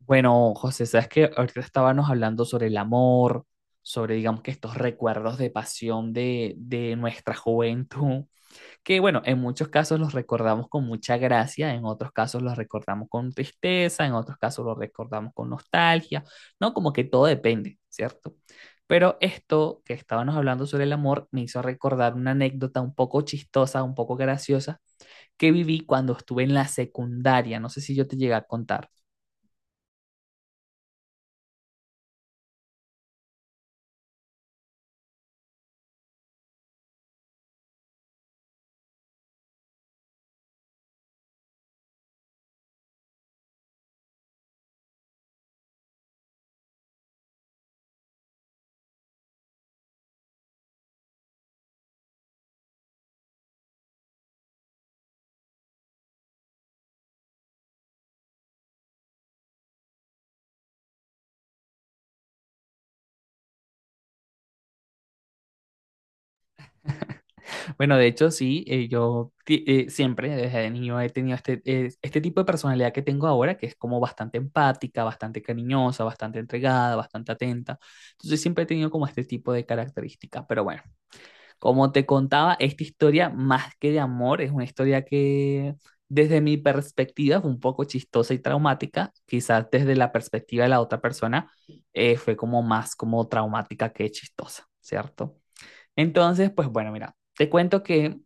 Bueno, José, sabes que ahorita estábamos hablando sobre el amor, sobre, digamos que estos recuerdos de pasión de nuestra juventud, que bueno, en muchos casos los recordamos con mucha gracia, en otros casos los recordamos con tristeza, en otros casos los recordamos con nostalgia, ¿no? Como que todo depende, ¿cierto? Pero esto que estábamos hablando sobre el amor me hizo recordar una anécdota un poco chistosa, un poco graciosa, que viví cuando estuve en la secundaria. No sé si yo te llegué a contar. Bueno, de hecho, sí, siempre desde niño he tenido este, este tipo de personalidad que tengo ahora, que es como bastante empática, bastante cariñosa, bastante entregada, bastante atenta. Entonces siempre he tenido como este tipo de características. Pero bueno, como te contaba, esta historia, más que de amor, es una historia que desde mi perspectiva fue un poco chistosa y traumática. Quizás desde la perspectiva de la otra persona fue como más como traumática que chistosa, ¿cierto? Entonces, pues bueno, mira, te cuento que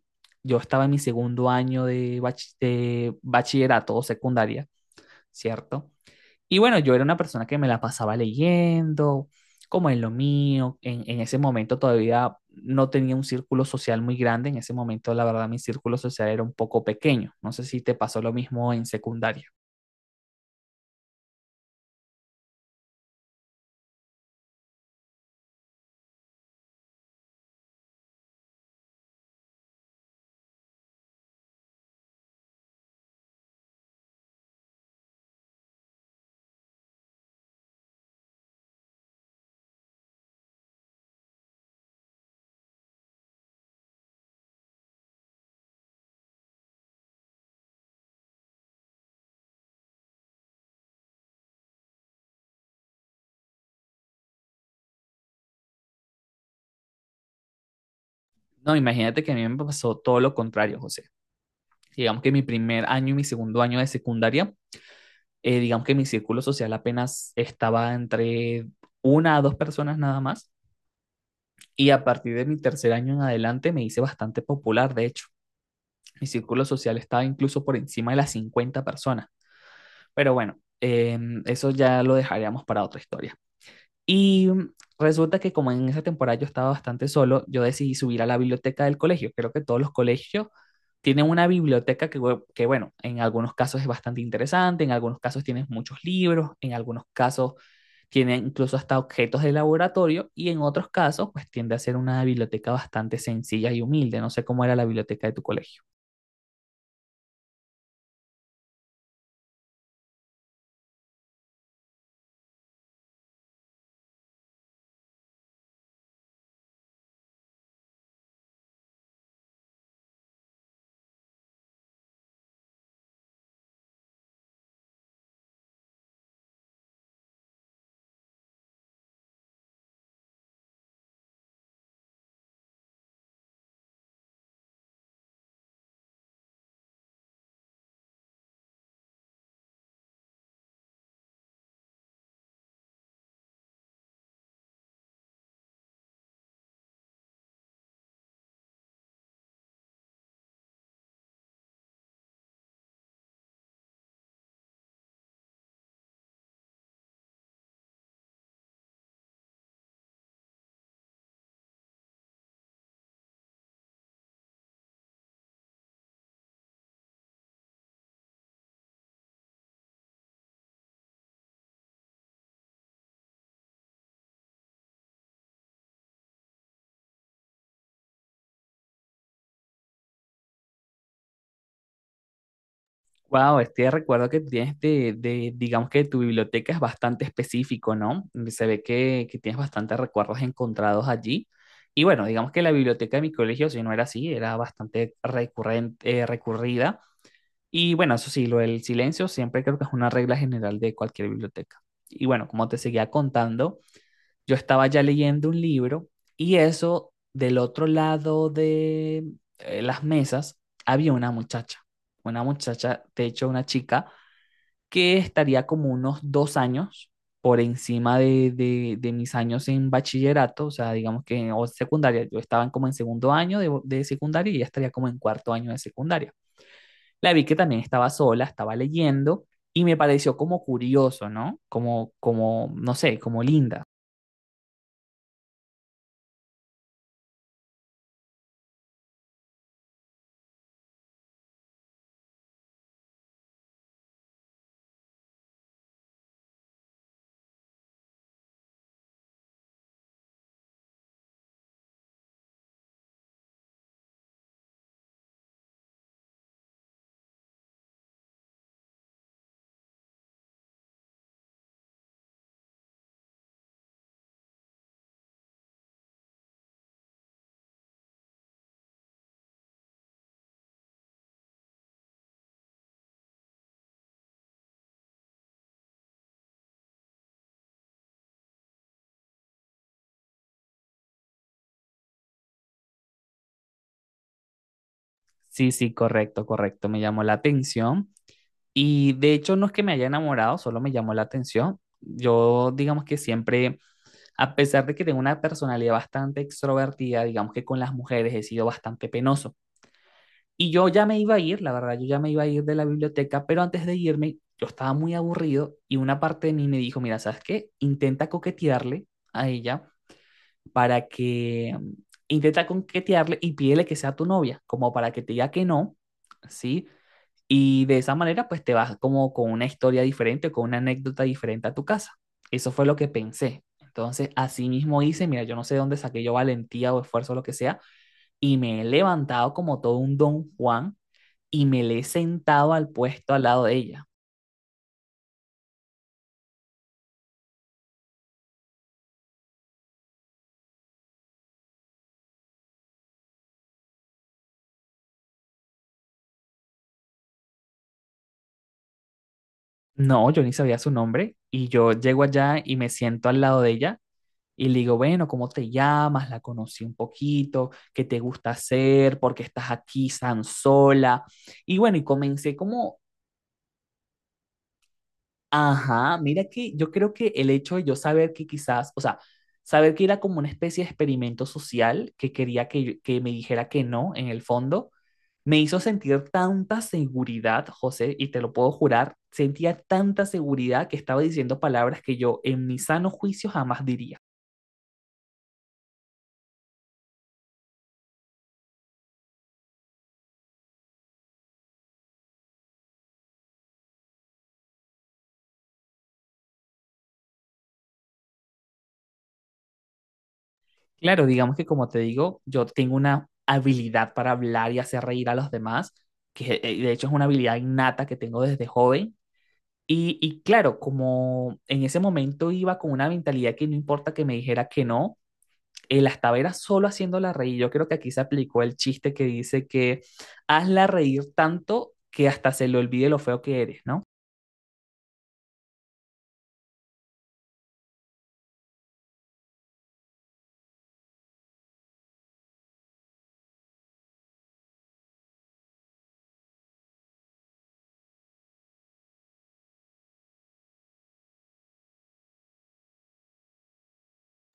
yo estaba en mi segundo año de bachillerato o secundaria, ¿cierto? Y bueno, yo era una persona que me la pasaba leyendo, como en lo mío. En ese momento todavía no tenía un círculo social muy grande. En ese momento, la verdad, mi círculo social era un poco pequeño. No sé si te pasó lo mismo en secundaria. No, imagínate que a mí me pasó todo lo contrario, José. Digamos que mi primer año y mi segundo año de secundaria, digamos que mi círculo social apenas estaba entre una a dos personas nada más. Y a partir de mi tercer año en adelante me hice bastante popular, de hecho. Mi círculo social estaba incluso por encima de las 50 personas. Pero bueno, eso ya lo dejaríamos para otra historia. Y resulta que como en esa temporada yo estaba bastante solo, yo decidí subir a la biblioteca del colegio. Creo que todos los colegios tienen una biblioteca que, bueno, en algunos casos es bastante interesante, en algunos casos tienes muchos libros, en algunos casos tiene incluso hasta objetos de laboratorio y en otros casos, pues tiende a ser una biblioteca bastante sencilla y humilde. No sé cómo era la biblioteca de tu colegio. Wow, este recuerdo que tienes digamos que tu biblioteca es bastante específico, ¿no? Se ve que tienes bastantes recuerdos encontrados allí. Y bueno, digamos que la biblioteca de mi colegio, si no era así, era bastante recurrente, recurrida. Y bueno, eso sí, lo del silencio siempre creo que es una regla general de cualquier biblioteca. Y bueno, como te seguía contando, yo estaba ya leyendo un libro y eso, del otro lado de las mesas, había una muchacha, de hecho una chica, que estaría como unos dos años por encima de mis años en bachillerato, o sea, digamos que en o secundaria, yo estaba en como en segundo año de secundaria y ella estaría como en cuarto año de secundaria. La vi que también estaba sola, estaba leyendo y me pareció como curioso, ¿no? Como, como, no sé, como linda. Sí, sí, correcto, correcto. Me llamó la atención. Y de hecho no es que me haya enamorado, solo me llamó la atención. Yo digamos que siempre, a pesar de que tengo una personalidad bastante extrovertida, digamos que con las mujeres he sido bastante penoso. Y yo ya me iba a ir, la verdad, yo ya me iba a ir de la biblioteca, pero antes de irme yo estaba muy aburrido y una parte de mí me dijo, mira, ¿sabes qué? Intenta coquetearle a ella para que, intenta coquetearle y pídele que sea tu novia, como para que te diga que no, ¿sí? Y de esa manera, pues te vas como con una historia diferente, con una anécdota diferente a tu casa. Eso fue lo que pensé. Entonces, así mismo hice, mira, yo no sé de dónde saqué yo valentía o esfuerzo o lo que sea, y me he levantado como todo un don Juan y me le he sentado al puesto al lado de ella. No, yo ni sabía su nombre y yo llego allá y me siento al lado de ella y le digo, bueno, ¿cómo te llamas? La conocí un poquito. ¿Qué te gusta hacer? ¿Por qué estás aquí tan sola? Y bueno, y comencé como ajá, mira que yo creo que el hecho de yo saber que quizás, o sea, saber que era como una especie de experimento social que quería que me dijera que no, en el fondo, me hizo sentir tanta seguridad, José, y te lo puedo jurar, sentía tanta seguridad que estaba diciendo palabras que yo en mi sano juicio jamás diría. Claro, digamos que como te digo, yo tengo una habilidad para hablar y hacer reír a los demás, que de hecho es una habilidad innata que tengo desde joven. Y claro, como en ese momento iba con una mentalidad que no importa que me dijera que no, la estaba era solo haciéndola reír. Yo creo que aquí se aplicó el chiste que dice que hazla reír tanto que hasta se le olvide lo feo que eres, ¿no?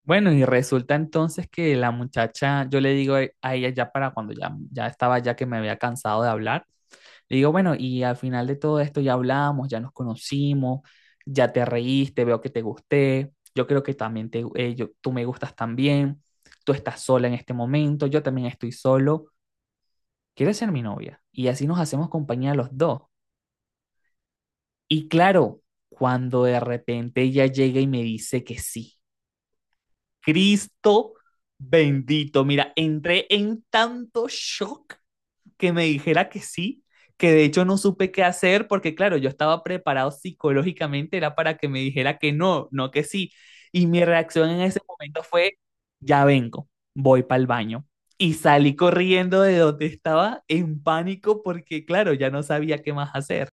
Bueno, y resulta entonces que la muchacha, yo le digo a ella ya para cuando ya, ya estaba ya que me había cansado de hablar, le digo, bueno, y al final de todo esto ya hablamos, ya nos conocimos, ya te reíste, veo que te gusté, yo creo que también tú me gustas también, tú estás sola en este momento, yo también estoy solo, ¿quieres ser mi novia? Y así nos hacemos compañía los dos. Y claro, cuando de repente ella llega y me dice que sí, Cristo bendito, mira, entré en tanto shock que me dijera que sí, que de hecho no supe qué hacer porque claro, yo estaba preparado psicológicamente, era para que me dijera que no, no que sí. Y mi reacción en ese momento fue, ya vengo, voy para el baño. Y salí corriendo de donde estaba en pánico porque claro, ya no sabía qué más hacer.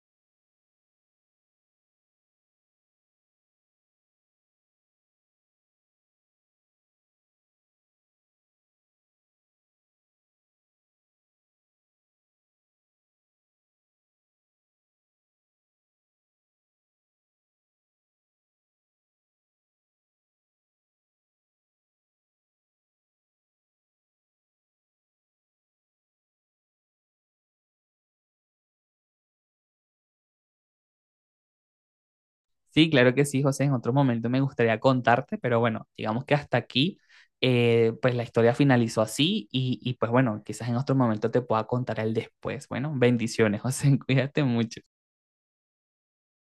Sí, claro que sí, José. En otro momento me gustaría contarte, pero bueno, digamos que hasta aquí, pues la historia finalizó así y pues bueno, quizás en otro momento te pueda contar el después. Bueno, bendiciones, José. Cuídate mucho.